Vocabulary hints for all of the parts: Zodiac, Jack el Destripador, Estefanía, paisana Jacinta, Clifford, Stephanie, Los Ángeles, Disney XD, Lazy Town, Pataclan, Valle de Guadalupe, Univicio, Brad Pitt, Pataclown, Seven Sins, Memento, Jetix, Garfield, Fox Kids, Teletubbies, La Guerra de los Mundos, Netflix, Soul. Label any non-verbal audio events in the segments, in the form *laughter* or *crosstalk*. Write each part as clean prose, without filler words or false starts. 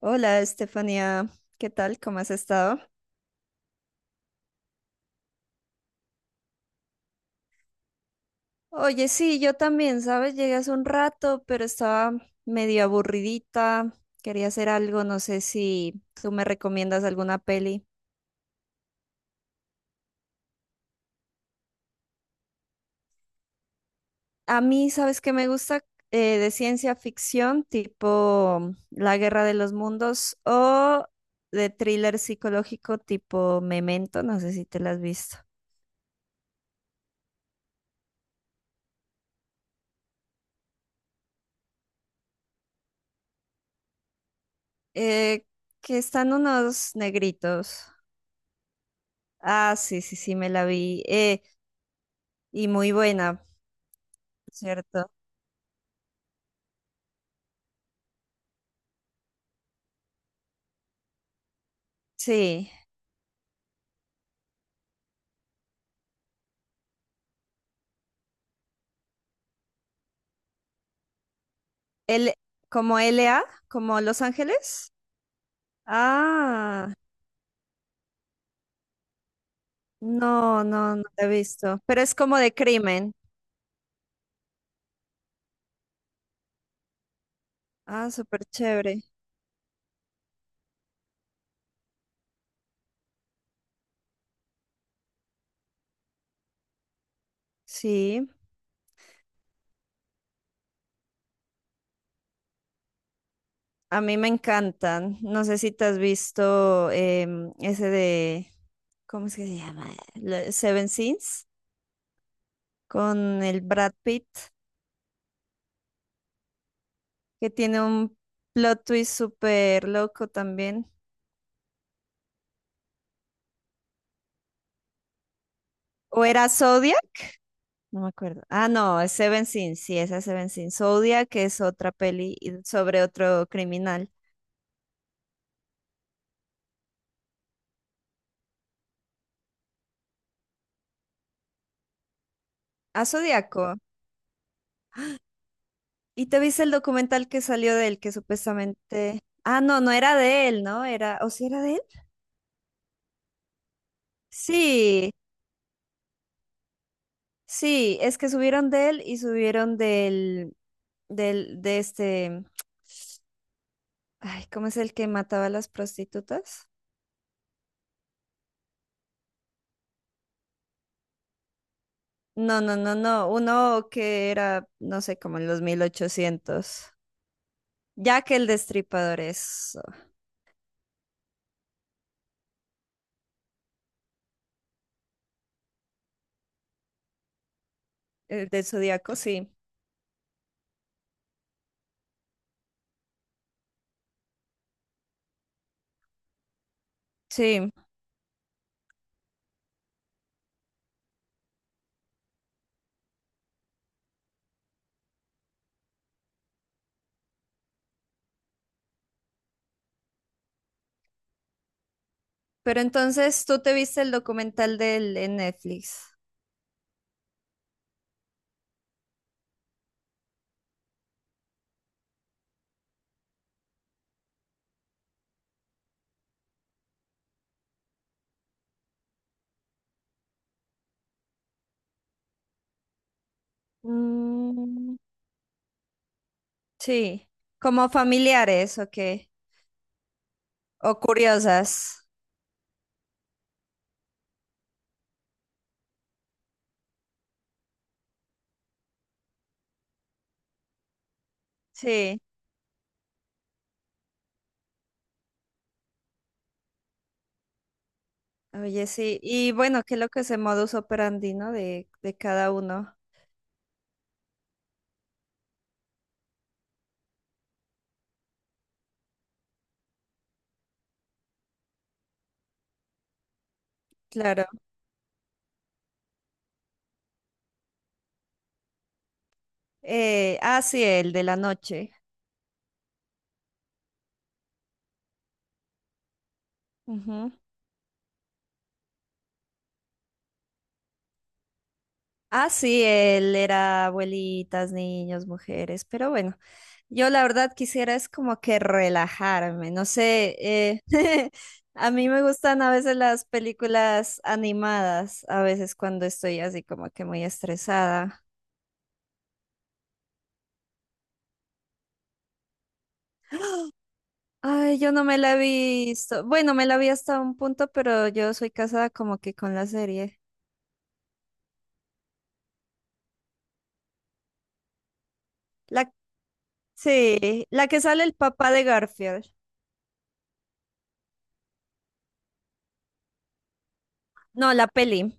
Hola, Estefanía, ¿qué tal? ¿Cómo has estado? Oye, sí, yo también, ¿sabes? Llegué hace un rato, pero estaba medio aburridita, quería hacer algo, no sé si tú me recomiendas alguna peli. A mí, ¿sabes qué me gusta? De ciencia ficción, tipo La Guerra de los Mundos o de thriller psicológico tipo Memento, no sé si te la has visto. Eh, que están unos negritos. Ah, sí, sí, sí, me la vi. Y muy buena, ¿cierto? Sí. L, como L A, como Los Ángeles. Ah, no, no, no la he visto. Pero es como de crimen. Ah, súper chévere. Sí. A mí me encantan. No sé si te has visto ese de, ¿cómo es que se llama? Seven Sins, con el Brad Pitt, que tiene un plot twist súper loco también. ¿O era Zodiac? No me acuerdo. Ah, no, es Seven Sin, sí, esa es Seven Sin. Zodiac es otra peli sobre otro criminal. Ah, Zodiaco. ¿Y te viste el documental que salió de él, que supuestamente... Ah, no, no era de él, ¿no? Era... ¿O sí era de él? Sí, sí, es que subieron de él y subieron del... del... de este... Ay, ¿cómo es el que mataba a las prostitutas? No, no, no, no, uno que era, no sé, como en los 1800. Jack el Destripador es el del Zodíaco, sí. Sí. Pero entonces tú te viste el documental del en Netflix. Mm, sí. ¿Como familiares, o qué? O curiosas. Sí. Oye, sí. Y bueno, qué loco ese modus operandi, ¿no? De cada uno. Claro. Ah, sí, el de la noche. Ujú. Ah, sí, él era abuelitas, niños, mujeres, pero bueno, yo la verdad quisiera es como que relajarme, no sé, *laughs* a mí me gustan a veces las películas animadas, a veces cuando estoy así como que muy estresada. Ay, yo no me la he visto, bueno, me la vi hasta un punto, pero yo soy casada como que con la serie. La, sí, la que sale el papá de Garfield, no, la peli.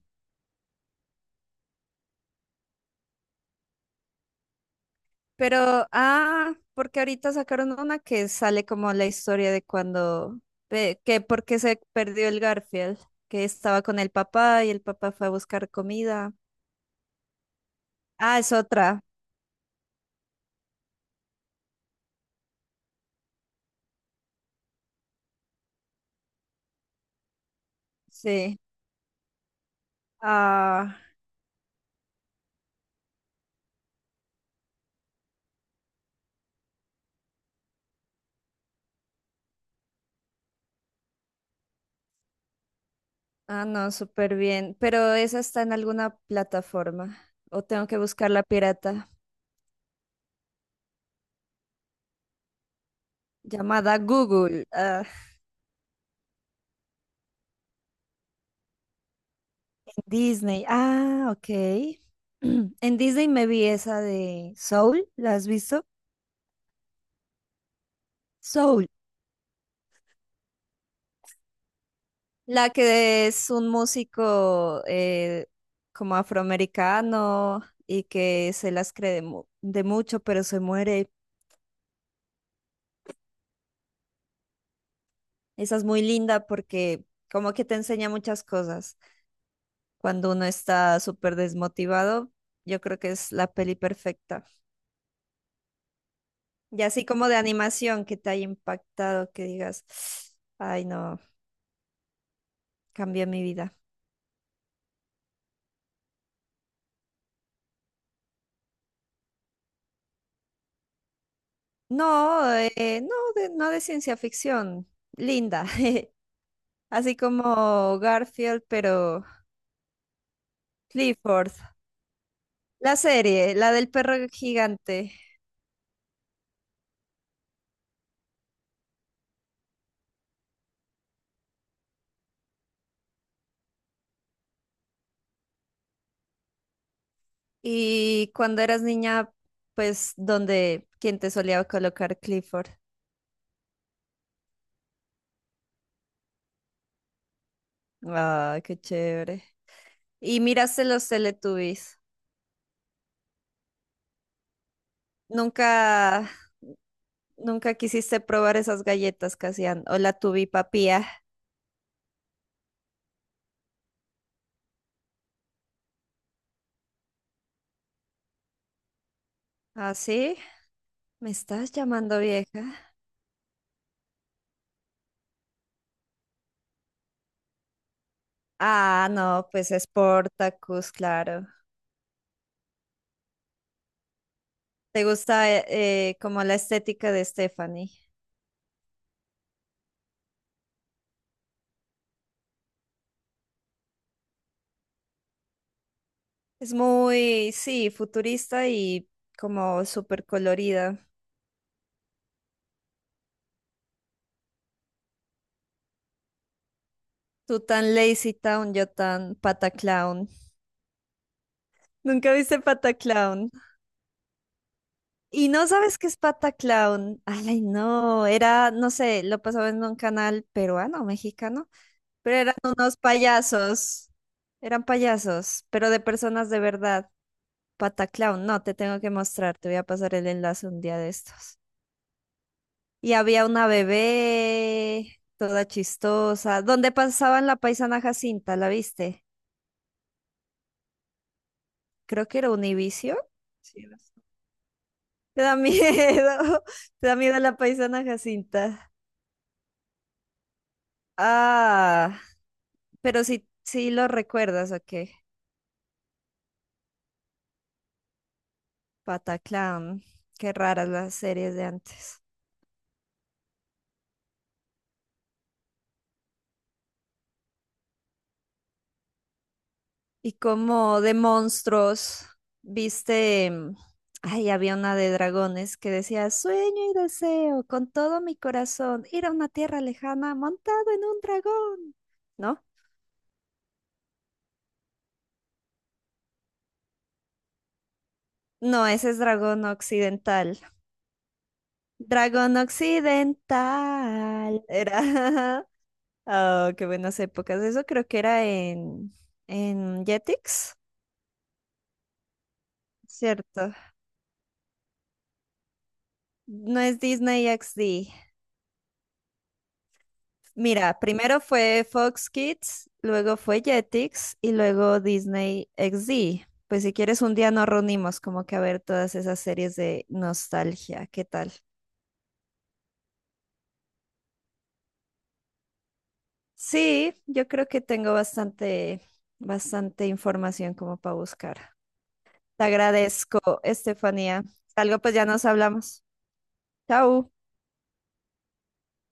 Pero, ah, porque ahorita sacaron una que sale como la historia de cuando, que porque se perdió el Garfield, que estaba con el papá y el papá fue a buscar comida. Ah, es otra, sí. Ah, ah, no, súper bien. Pero esa está en alguna plataforma o tengo que buscar la pirata llamada Google, ah, Disney. Ah, ok. *clears throat* En Disney me vi esa de Soul, ¿la has visto? Soul. La que es un músico como afroamericano y que se las cree de, de mucho, pero se muere. Esa es muy linda porque como que te enseña muchas cosas. Cuando uno está súper desmotivado, yo creo que es la peli perfecta. Y así como de animación que te haya impactado, que digas, ay no, cambió mi vida. No, no, de, no de ciencia ficción, linda. *laughs* Así como Garfield, pero Clifford, la serie, la del perro gigante. Y cuando eras niña, pues, dónde quién te solía colocar Clifford. Ah, qué chévere. Y miraste los Teletubbies. Nunca, nunca quisiste probar esas galletas que hacían. O la tubi papía. ¿Ah, sí? ¿Me estás llamando vieja? Ah, no, pues es Portacus, claro. ¿Te gusta como la estética de Stephanie? Es muy, sí, futurista y como súper colorida. Tú tan Lazy Town, yo tan Pataclown. ¿Nunca viste Pataclown? ¿Y no sabes qué es Pataclown? Ay, no, era, no sé, lo pasaba en un canal peruano, mexicano, pero eran unos payasos. Eran payasos, pero de personas de verdad. Pataclown, no, te tengo que mostrar, te voy a pasar el enlace un día de estos. Y había una bebé, toda chistosa. ¿Dónde pasaban la paisana Jacinta? ¿La viste? Creo que era Univicio. *laughs* Te da miedo. *laughs* Te da miedo la paisana Jacinta. Ah, pero sí, sí lo recuerdas, ¿o qué? Pataclan. Qué raras las series de antes. Y como de monstruos, viste, mm, ay, había una de dragones que decía, sueño y deseo con todo mi corazón ir a una tierra lejana montado en un dragón, ¿no? No, ese es dragón occidental. Dragón occidental. Era, *laughs* oh, qué buenas épocas. Eso creo que era en Jetix, ¿cierto? No, es Disney XD. Mira, primero fue Fox Kids, luego fue Jetix y luego Disney XD. Pues si quieres un día nos reunimos como que a ver todas esas series de nostalgia, ¿qué tal? Sí, yo creo que tengo bastante, bastante información como para buscar. Te agradezco, Estefanía. Algo pues ya nos hablamos. Chao.